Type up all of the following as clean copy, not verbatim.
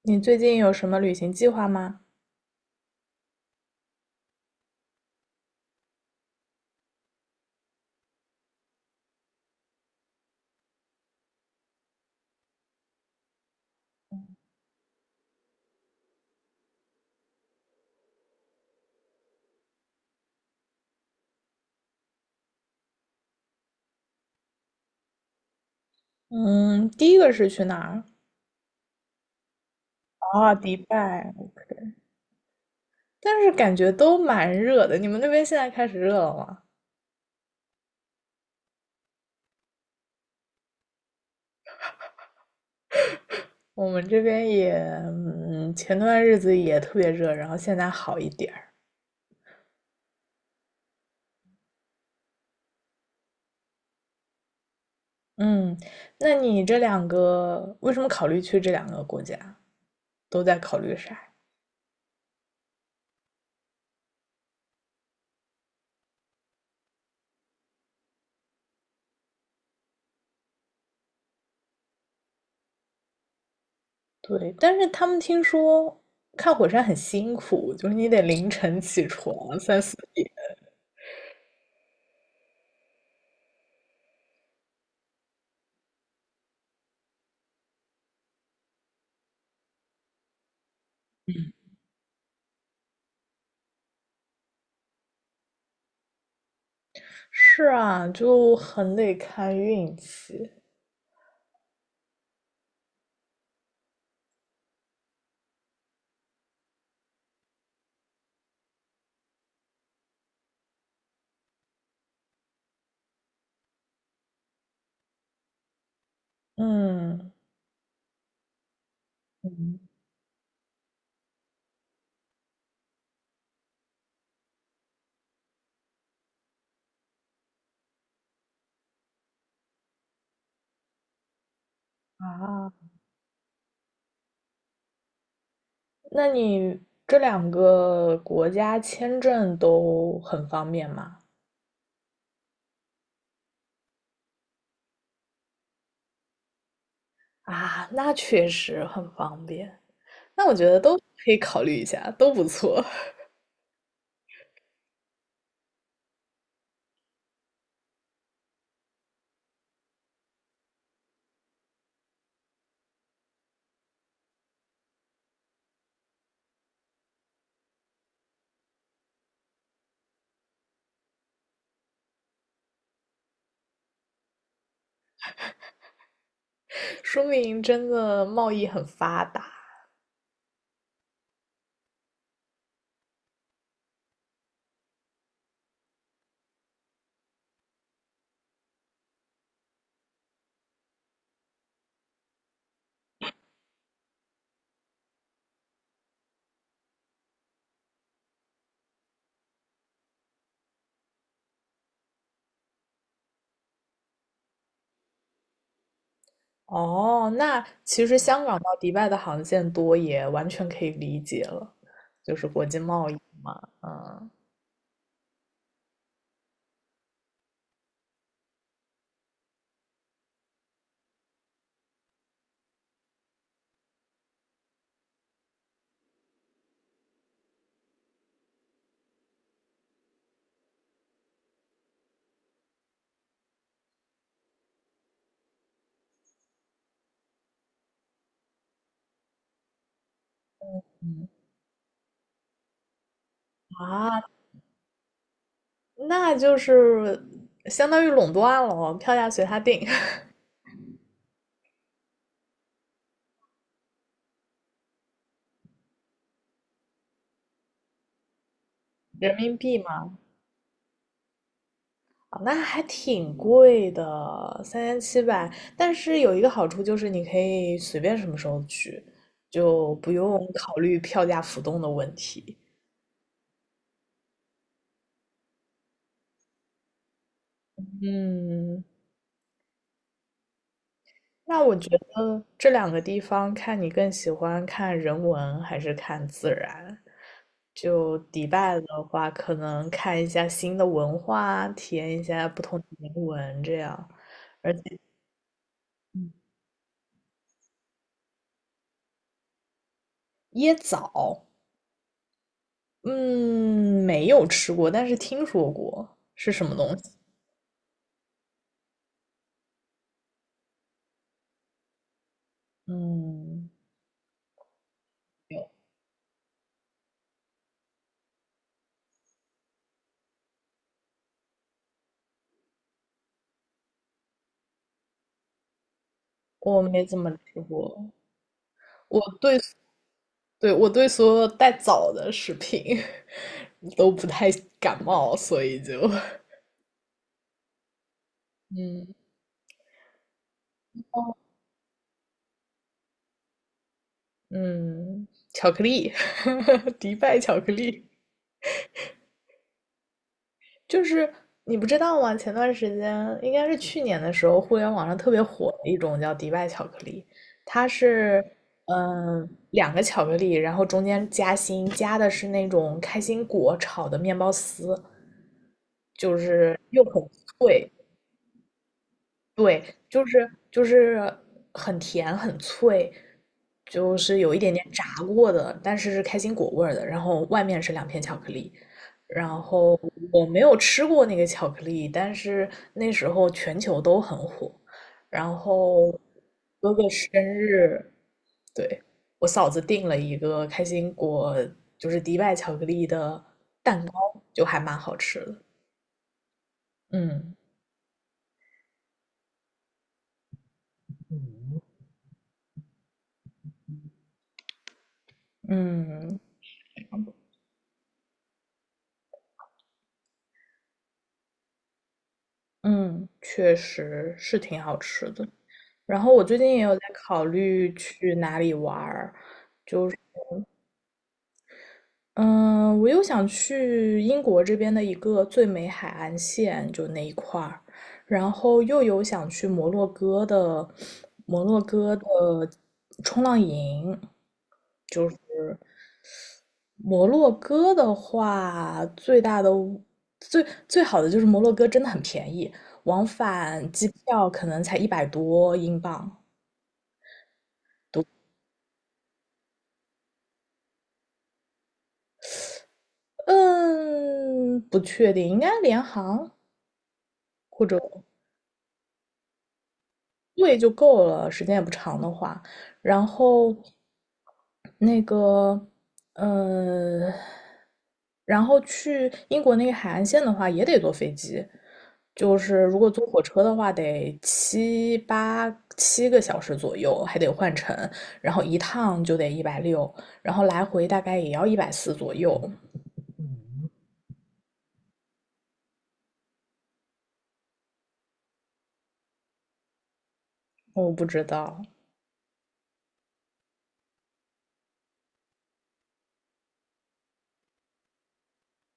你最近有什么旅行计划吗？嗯，第一个是去哪儿？啊，迪拜，但是感觉都蛮热的。你们那边现在开始热了吗？我们这边也，嗯，前段日子也特别热，然后现在好一点儿。嗯，那你这两个为什么考虑去这两个国家？都在考虑啥。对，但是他们听说看火山很辛苦，就是你得凌晨起床三四点。是啊，就很得看运气。嗯嗯啊，那你这两个国家签证都很方便吗？啊，那确实很方便。那我觉得都可以考虑一下，都不错。说明真的贸易很发达。哦，那其实香港到迪拜的航线多，也完全可以理解了，就是国际贸易嘛。嗯啊，那就是相当于垄断了，票价随他定。人民币嘛。啊，那还挺贵的，3700，但是有一个好处就是你可以随便什么时候去，就不用考虑票价浮动的问题。嗯。那我觉得这两个地方，看你更喜欢看人文还是看自然。就迪拜的话，可能看一下新的文化，体验一下不同的人文这样。而且椰枣，嗯，没有吃过，但是听说过是什么东西。嗯，有，我没怎么吃过。我对，对，我对所有带枣的食品 都不太感冒，所以就，嗯。嗯，巧克力，迪拜巧克力，就是你不知道吗？前段时间应该是去年的时候，互联网上特别火的一种叫迪拜巧克力。它是嗯两个巧克力，然后中间夹心，夹的是那种开心果炒的面包丝，就是又很脆。对，就是很甜很脆，就是有一点点炸过的，但是是开心果味儿的，然后外面是两片巧克力。然后我没有吃过那个巧克力，但是那时候全球都很火。然后哥哥生日，对，我嫂子订了一个开心果，就是迪拜巧克力的，就还蛮好吃的。嗯嗯嗯，确实是挺好吃的。然后我最近也有在考虑去哪里玩儿。嗯，我又想去英国这边的一个最美海岸线，就那一块儿，然后又有想去摩洛哥的冲浪营。摩洛哥的话，最大的最最好的就是摩洛哥真的很便宜，往返机票可能才100多英镑。嗯，不确定，应该联航或者。对就够了，时间也不长的话。然后那个，嗯，然后去英国那个海岸线的话，也得坐飞机。就是如果坐火车的话，得7个小时左右，还得换乘，然后一趟就得160，然后来回大概也要一百四左右。我不知道，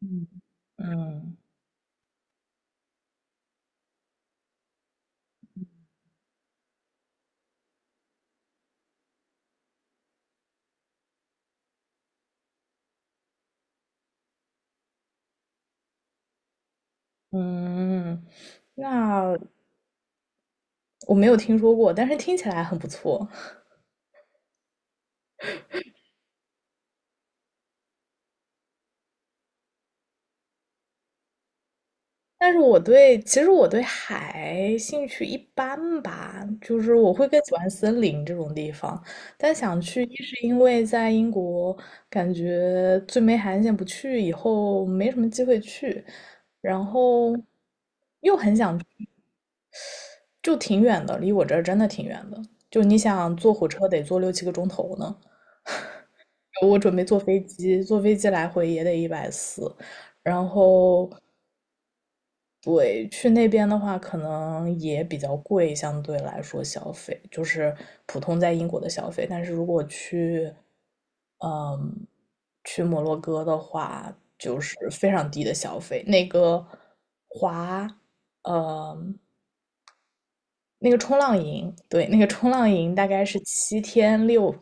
嗯，嗯嗯，那我没有听说过，但是听起来很不错。但是其实我对海兴趣一般吧，就是我会更喜欢森林这种地方。但想去，一是因为在英国感觉最没海岸线不去，以后没什么机会去，然后又很想去就挺远的，离我这儿真的挺远的。就你想坐火车得坐六七个钟头呢，我准备坐飞机，坐飞机来回也得一百四，然后对，去那边的话，可能也比较贵，相对来说消费就是普通在英国的消费。但是如果去，嗯，去摩洛哥的话，就是非常低的消费。那个滑，嗯，那个冲浪营，对，那个冲浪营大概是七天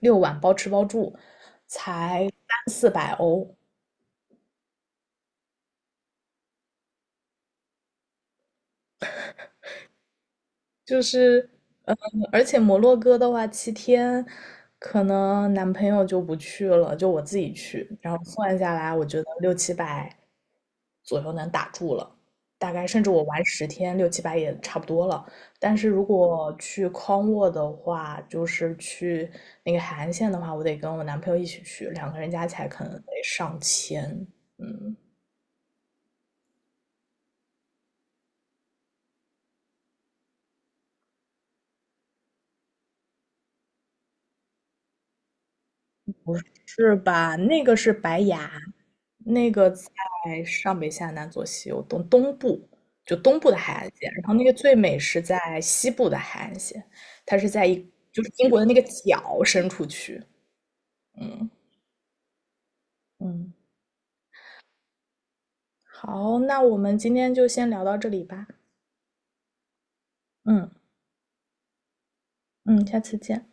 6晚，包吃包住，才3、400欧。就是，嗯，而且摩洛哥的话，七天，可能男朋友就不去了，就我自己去，然后算下来，我觉得六七百左右能打住了，大概甚至我玩10天，六七百也差不多了。但是如果去康沃的话，就是去那个海岸线的话，我得跟我男朋友一起去，两个人加起来可能得上千。嗯，是吧？那个是白崖，那个在上北下南左西右东东部，就东部的海岸线。然后那个最美是在西部的海岸线，它是在一就是英国的那个角伸出去。嗯嗯，好，那我们今天就先聊到这里吧。嗯嗯，下次见。